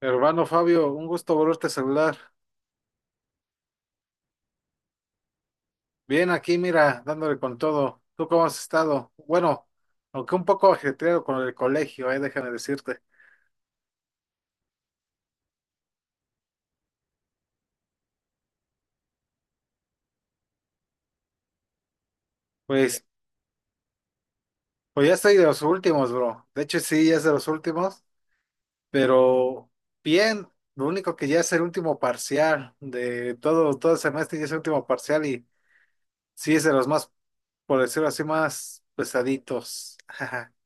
Hermano Fabio, un gusto volverte a saludar. Bien, aquí mira, dándole con todo. ¿Tú cómo has estado? Bueno, aunque un poco ajetreado con el colegio, déjame decirte. Pues, pues ya estoy de los últimos, bro. De hecho, sí, ya es de los últimos, pero bien, lo único que ya es el último parcial de todo, todo el semestre, ya es el último parcial y sí es de los más, por decirlo así, más pesaditos.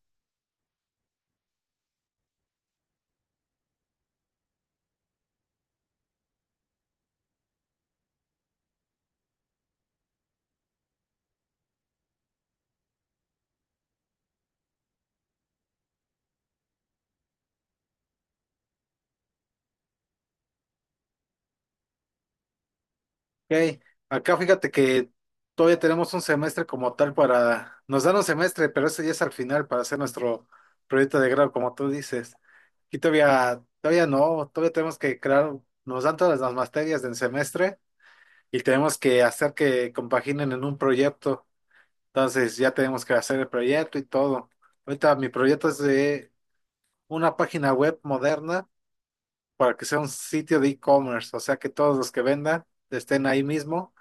Ok, acá fíjate que todavía tenemos un semestre como tal para, nos dan un semestre, pero ese ya es al final para hacer nuestro proyecto de grado, como tú dices. Aquí todavía, todavía no, todavía tenemos que crear, nos dan todas las materias del semestre y tenemos que hacer que compaginen en un proyecto. Entonces ya tenemos que hacer el proyecto y todo. Ahorita mi proyecto es de una página web moderna para que sea un sitio de e-commerce, o sea que todos los que vendan estén ahí mismo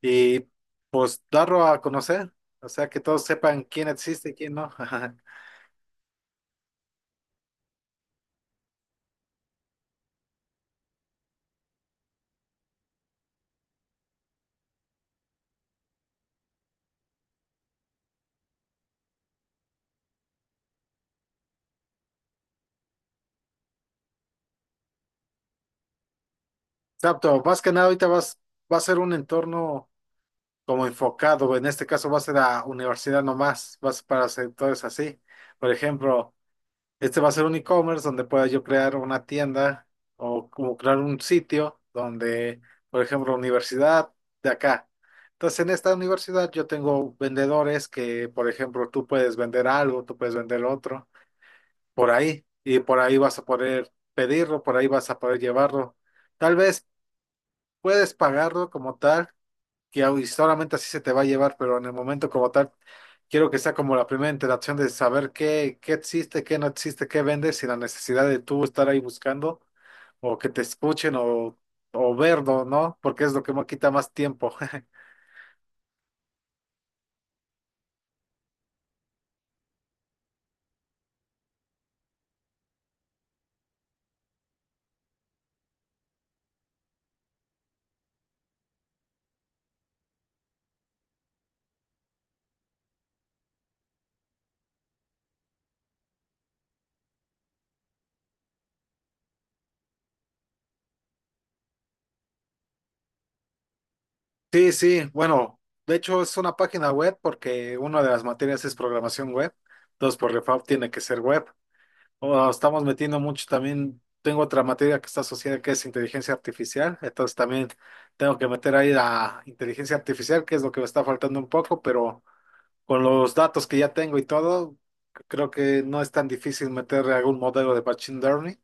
y pues darlo a conocer, o sea, que todos sepan quién existe y quién no. Exacto, más que nada ahorita vas, va a ser un entorno como enfocado, en este caso va a ser la universidad nomás, va a ser para sectores así. Por ejemplo, este va a ser un e-commerce donde pueda yo crear una tienda o como crear un sitio donde, por ejemplo, universidad de acá. Entonces, en esta universidad yo tengo vendedores que, por ejemplo, tú puedes vender algo, tú puedes vender otro. Por ahí y por ahí vas a poder pedirlo, por ahí vas a poder llevarlo. Tal vez puedes pagarlo como tal, que au- solamente así se te va a llevar, pero en el momento como tal, quiero que sea como la primera interacción de saber qué, qué existe, qué no existe, qué vendes sin la necesidad de tú estar ahí buscando o que te escuchen o verlo, ¿no? Porque es lo que me quita más tiempo. Sí, sí, bueno, de hecho es una página web porque una de las materias es programación web, entonces por default tiene que ser web. Bueno, estamos metiendo mucho también. Tengo otra materia que está asociada que es inteligencia artificial. Entonces también tengo que meter ahí la inteligencia artificial, que es lo que me está faltando un poco, pero con los datos que ya tengo y todo, creo que no es tan difícil meter algún modelo de machine learning.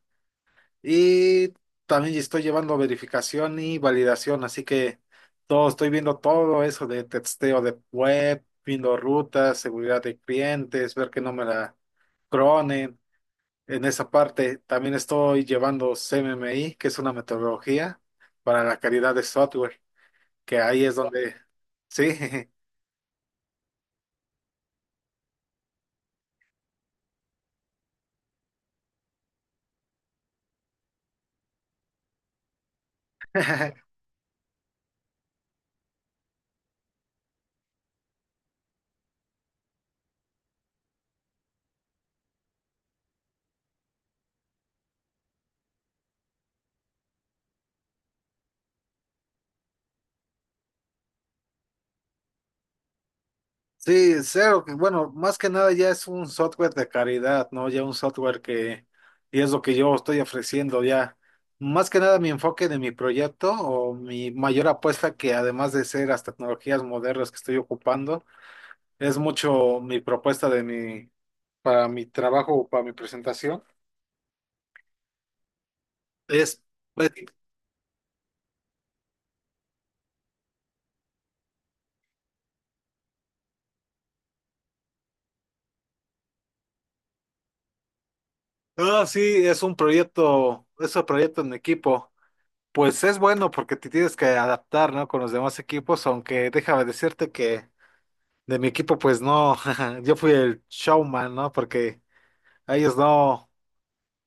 Y también estoy llevando verificación y validación, así que todo, estoy viendo todo eso de testeo de web, viendo rutas, seguridad de clientes, ver que no me la cronen. En esa parte también estoy llevando CMMI, que es una metodología para la calidad de software, que ahí es donde, sí, sí, cero, que, bueno, más que nada ya es un software de calidad, ¿no? Ya un software que, y es lo que yo estoy ofreciendo ya. Más que nada mi enfoque de mi proyecto o mi mayor apuesta que además de ser las tecnologías modernas que estoy ocupando, es mucho mi propuesta de mi, para mi trabajo, para mi presentación, es pues, ah, sí, es un proyecto en equipo. Pues es bueno porque te tienes que adaptar, ¿no? Con los demás equipos, aunque déjame decirte que de mi equipo, pues no, yo fui el showman, ¿no? Porque a ellos no,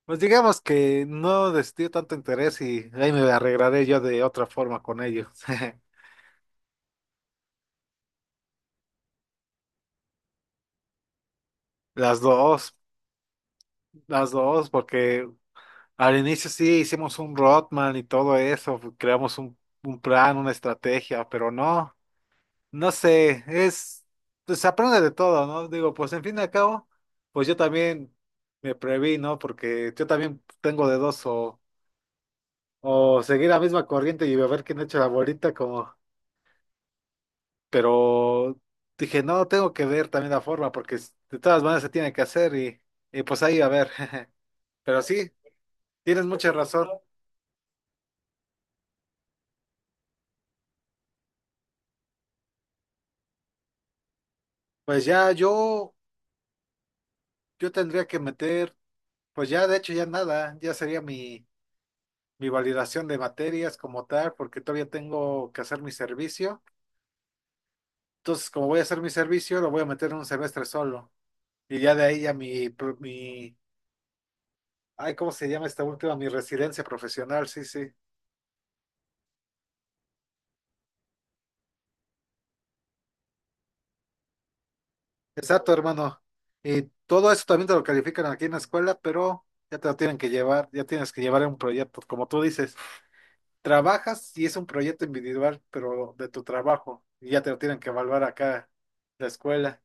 pues digamos que no les dio tanto interés y ahí me arreglaré yo de otra forma con ellos. Las dos, las dos, porque al inicio sí hicimos un roadman y todo eso, creamos un plan, una estrategia, pero no. No sé, es, pues aprende de todo, ¿no? Digo, pues en fin y al cabo, pues yo también me preví, ¿no? Porque yo también tengo de dos o seguir la misma corriente y ver quién echa la bolita como, pero dije, no, tengo que ver también la forma porque s- de todas maneras se tiene que hacer y pues ahí a ver. Pero sí, tienes mucha razón. Pues ya yo tendría que meter, pues ya de hecho ya nada, ya sería mi mi validación de materias como tal, porque todavía tengo que hacer mi servicio. Entonces, como voy a hacer mi servicio, lo voy a meter en un semestre solo. Y ya de ahí ya mi, pro- mi, ay, ¿cómo se llama esta última? Mi residencia profesional, sí, sí. Exacto, hermano. Y todo eso también te lo califican aquí en la escuela, pero ya te lo tienen que llevar, ya tienes que llevar un proyecto. Como tú dices, trabajas y es un proyecto individual, pero de tu trabajo, y ya te lo tienen que evaluar acá en la escuela.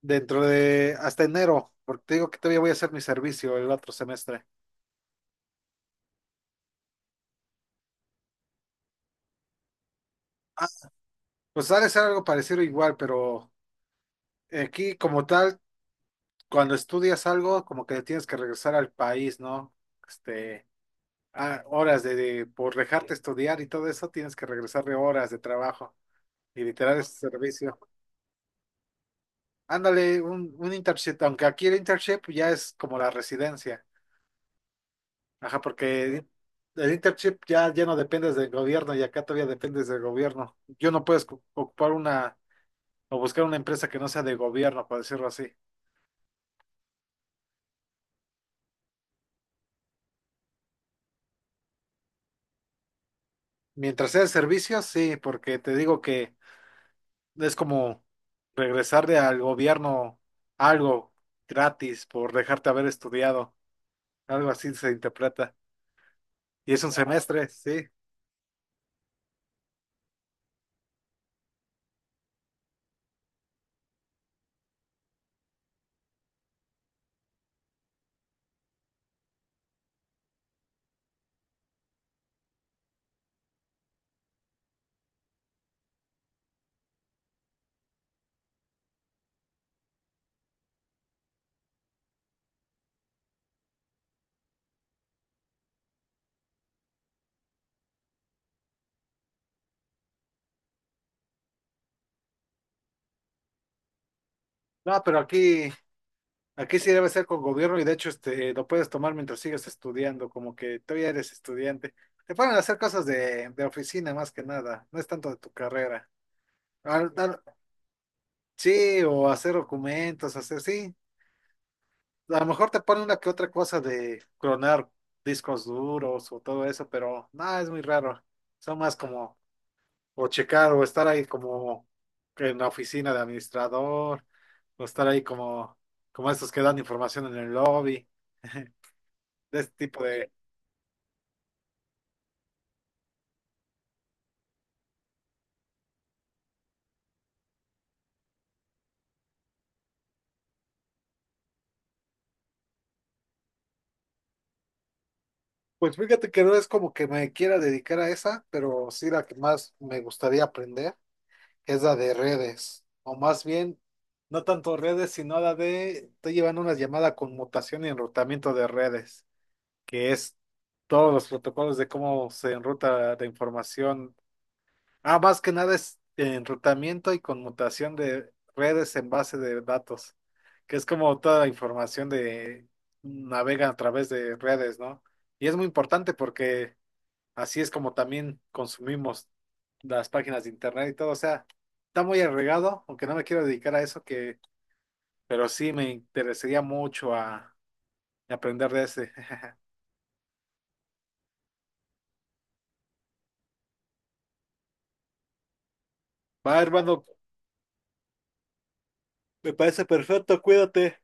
Dentro de hasta enero, porque te digo que todavía voy a hacer mi servicio el otro semestre. Ah, pues ha de ser algo parecido igual, pero aquí como tal, cuando estudias algo, como que tienes que regresar al país, ¿no? Este, ah, horas de- por dejarte estudiar y todo eso, tienes que regresar de horas de trabajo y literal es servicio. Ándale, un internship, aunque aquí el internship ya es como la residencia. Ajá, porque el internship ya, ya no dependes del gobierno y acá todavía dependes del gobierno. Yo no puedes cu- ocupar una o buscar una empresa que no sea de gobierno, por decirlo así. Mientras sea de servicios, sí, porque te digo que es como regresarle al gobierno algo gratis por dejarte haber estudiado. Algo así se interpreta. Y es un semestre, sí. No, pero aquí aquí sí debe ser con gobierno y de hecho este, lo puedes tomar mientras sigues estudiando, como que todavía eres estudiante. Te ponen a hacer cosas de oficina más que nada, no es tanto de tu carrera. Al- al- sí, o hacer documentos, hacer, sí. A lo mejor te ponen una que otra cosa de clonar discos duros o todo eso, pero nada es muy raro. Son más como, o checar, o estar ahí como en la oficina de administrador, o estar ahí como, como estos que dan información en el lobby. De este tipo de... Pues fíjate que no es como que me quiera dedicar a esa, pero sí la que más me gustaría aprender es la de redes, o más bien, no tanto redes, sino la de, estoy llevando una llamada con mutación y enrutamiento de redes, que es todos los protocolos de cómo se enruta la información. Ah, más que nada es enrutamiento y conmutación de redes en base de datos, que es como toda la información de navega a través de redes, ¿no? Y es muy importante porque así es como también consumimos las páginas de internet y todo, o sea, está muy agregado, aunque no me quiero dedicar a eso que, pero sí me interesaría mucho a aprender de ese. Va, hermano, me parece perfecto, cuídate.